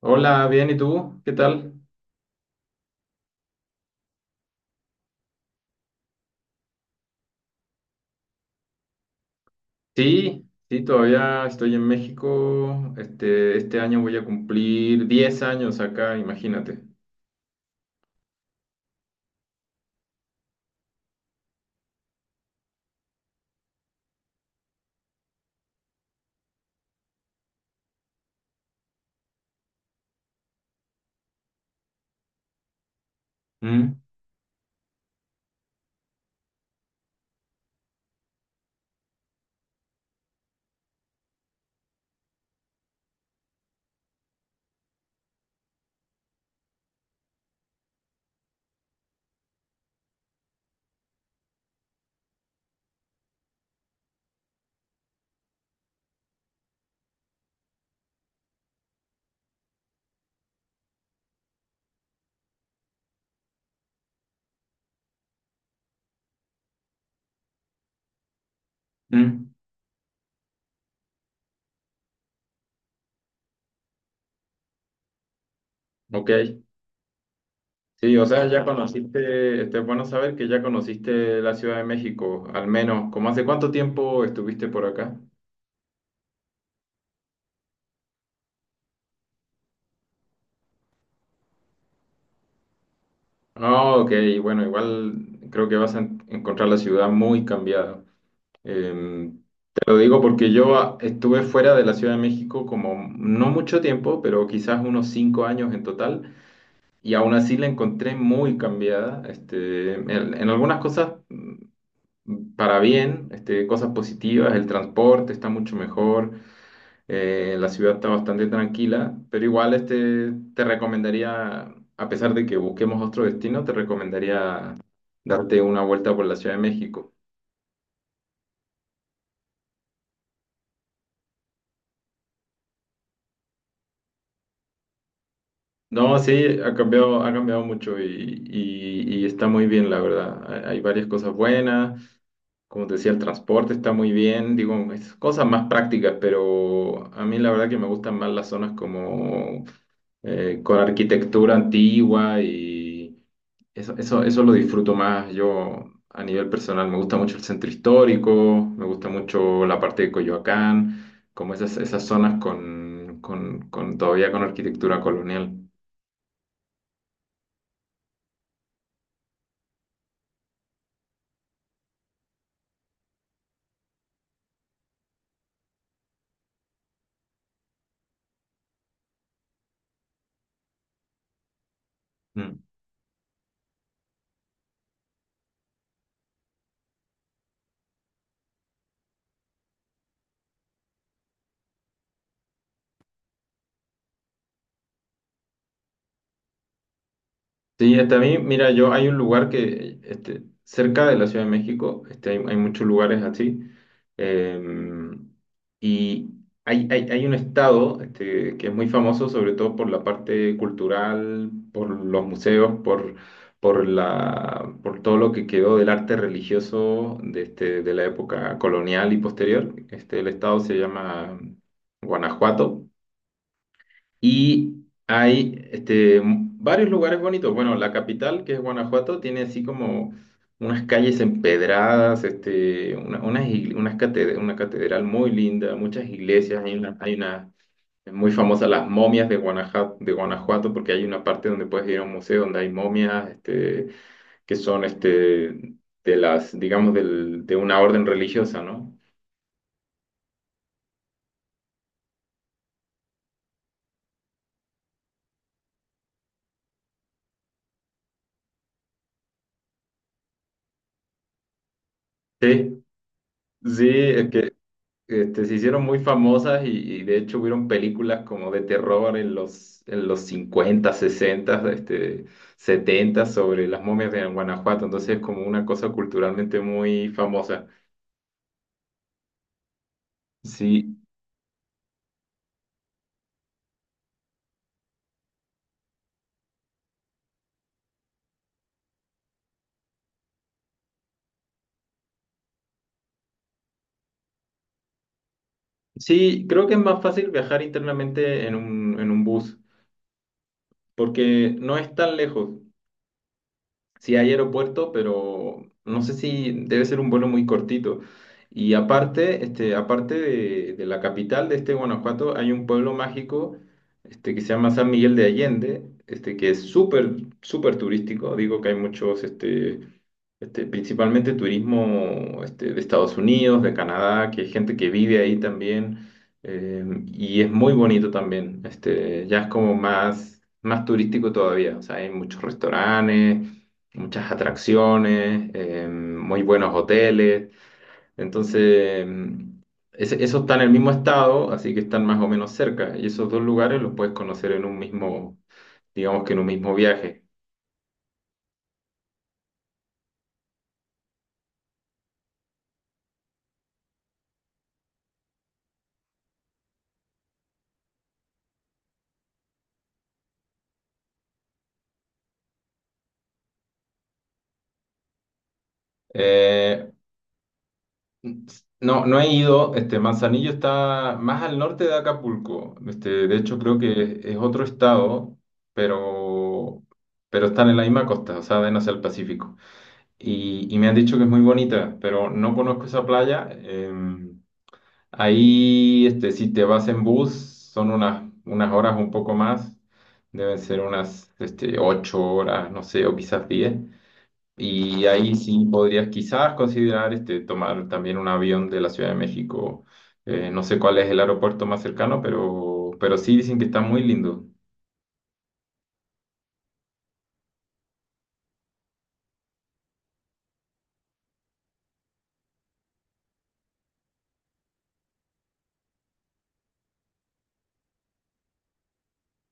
Hola, bien, ¿y tú? ¿Qué tal? Sí, sí, todavía estoy en México. Este año voy a cumplir 10 años acá, imagínate. Mm, mm. Ok. Sí, o sea, ya conociste, este, es bueno saber que ya conociste la Ciudad de México, al menos. ¿Cómo hace cuánto tiempo estuviste por acá? Ah, ok, bueno, igual creo que vas a encontrar la ciudad muy cambiada. Eh, Te lo digo porque yo estuve fuera de la Ciudad de México como no mucho tiempo, pero quizás unos 5 años en total, y aún así la encontré muy cambiada, este, en algunas cosas para bien, este, cosas positivas, el transporte está mucho mejor, la ciudad está bastante tranquila, pero igual este, te recomendaría, a pesar de que busquemos otro destino, te recomendaría darte una vuelta por la Ciudad de México. No, sí, ha cambiado mucho y, y está muy bien, la verdad. Hay varias cosas buenas. Como te decía, el transporte está muy bien. Digo, es cosas más prácticas, pero a mí la verdad que me gustan más las zonas como con arquitectura antigua y eso, eso lo disfruto más. Yo a nivel personal me gusta mucho el centro histórico, me gusta mucho la parte de Coyoacán, como esas zonas con todavía con arquitectura colonial. Mm. Sí, hasta a mí, mira, yo hay un lugar que, este, cerca de la Ciudad de México, este, hay muchos lugares así, em, y hay un estado, este, que es muy famoso, sobre todo por la parte cultural, por los museos, por por todo lo que quedó del arte religioso de, este, de la época colonial y posterior. Este, el estado se llama Guanajuato. Y hay este, varios lugares bonitos. Bueno, la capital, que es Guanajuato, tiene así como unas calles empedradas, este, una catedral muy linda, muchas iglesias. Hay una muy famosa, las momias de Guanajuato, porque hay una parte donde puedes ir a un museo donde hay momias este, que son este, de las, digamos, de una orden religiosa, ¿no? Sí, sí, este, se hicieron muy famosas y de hecho hubieron películas como de terror en en los 50 60, este, 70 sobre las momias de Guanajuato, entonces es como una cosa culturalmente muy famosa. Sí, sí, creo que es más fácil viajar internamente en en un bus, porque no es tan lejos. Sí, hay aeropuerto, pero no sé si debe ser un vuelo muy cortito. Y aparte, este, aparte de la capital de este Guanajuato, hay un pueblo mágico, este, que se llama San Miguel de Allende, este, que es súper turístico. Digo que hay muchos, este, principalmente turismo, este, de Estados Unidos, de Canadá, que hay gente que vive ahí también. eh, y es muy bonito también. Este, ya es como más turístico todavía. O sea, hay muchos restaurantes muchas atracciones, muy buenos hoteles. Entonces, eso está en el mismo estado, así que están más o menos cerca. Y esos dos lugares los puedes conocer en un mismo, digamos que en un mismo viaje. Eh, no, no he ido. Este, Manzanillo está más al norte de Acapulco. Este, de hecho, creo que es otro estado, pero, pero están en la misma costa, o sea, ven hacia el Pacífico. Y me han dicho que es muy bonita, pero no conozco esa playa. Ahí, este, si te vas en bus, son unas, unas horas un poco más, deben ser unas, este, 8 horas, no sé, o quizás diez. Y ahí sí podrías quizás considerar, este, tomar también un avión de la Ciudad de México. No sé cuál es el aeropuerto más cercano, pero sí dicen que está muy lindo.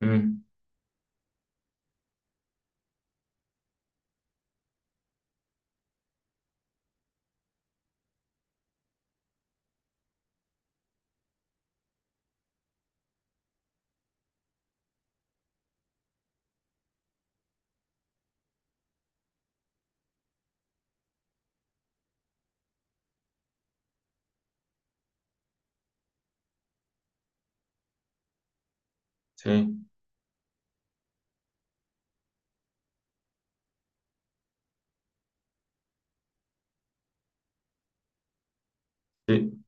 Mm, sí, sí.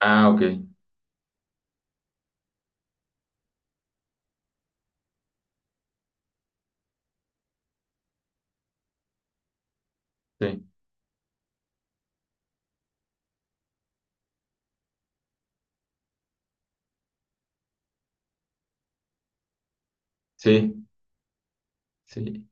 Ah, ok. Sí, sí, sí.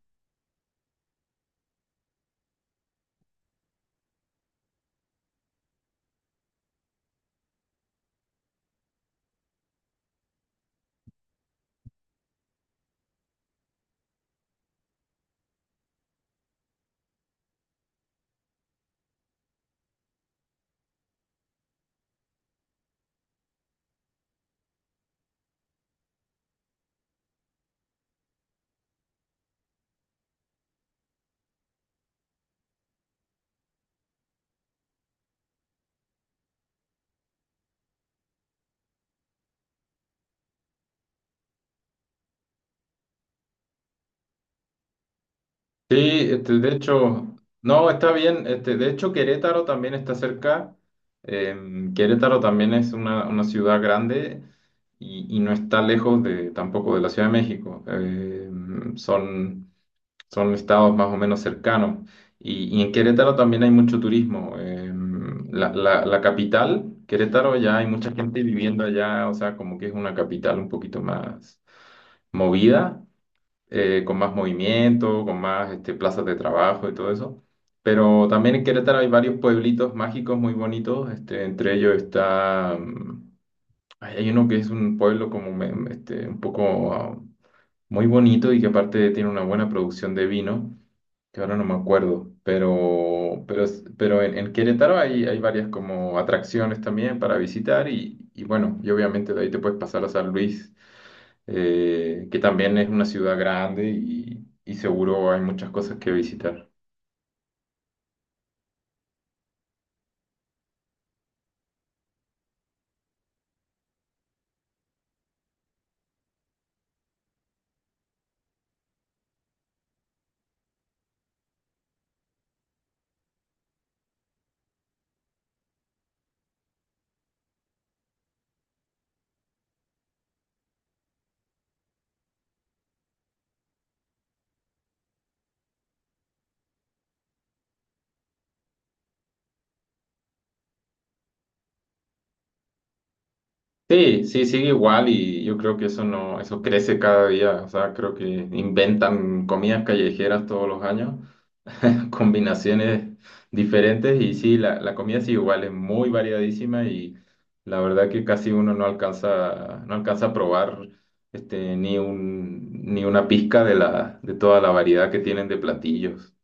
Sí, este, de hecho, no, está bien. Este, de hecho, Querétaro también está cerca. Querétaro también es una ciudad grande y no está lejos de, tampoco de la Ciudad de México. Son, son estados más o menos cercanos. Y en Querétaro también hay mucho turismo. La capital, Querétaro, ya hay mucha gente viviendo allá, o sea, como que es una capital un poquito más movida con más movimiento, con más este, plazas de trabajo y todo eso. Pero también en Querétaro hay varios pueblitos mágicos muy bonitos. Este, entre ellos está, ay, hay uno que es un pueblo como este, un poco muy bonito y que aparte tiene una buena producción de vino que ahora no me acuerdo, pero, pero en Querétaro hay, hay varias como atracciones también para visitar y bueno, y obviamente de ahí te puedes pasar a San Luis, que también es una ciudad grande y seguro hay muchas cosas que visitar. Sí, sí, sigue igual y yo creo que eso no, eso crece cada día, o sea, creo que inventan comidas callejeras todos los años combinaciones diferentes y sí, la comida sí igual es muy variadísima y la verdad que casi uno no alcanza, no alcanza a probar este, ni una pizca de la, de toda la variedad que tienen de platillos.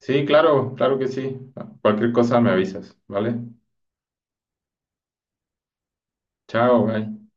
Sí, claro, claro que sí. Cualquier cosa me avisas, ¿vale? Chao, bye.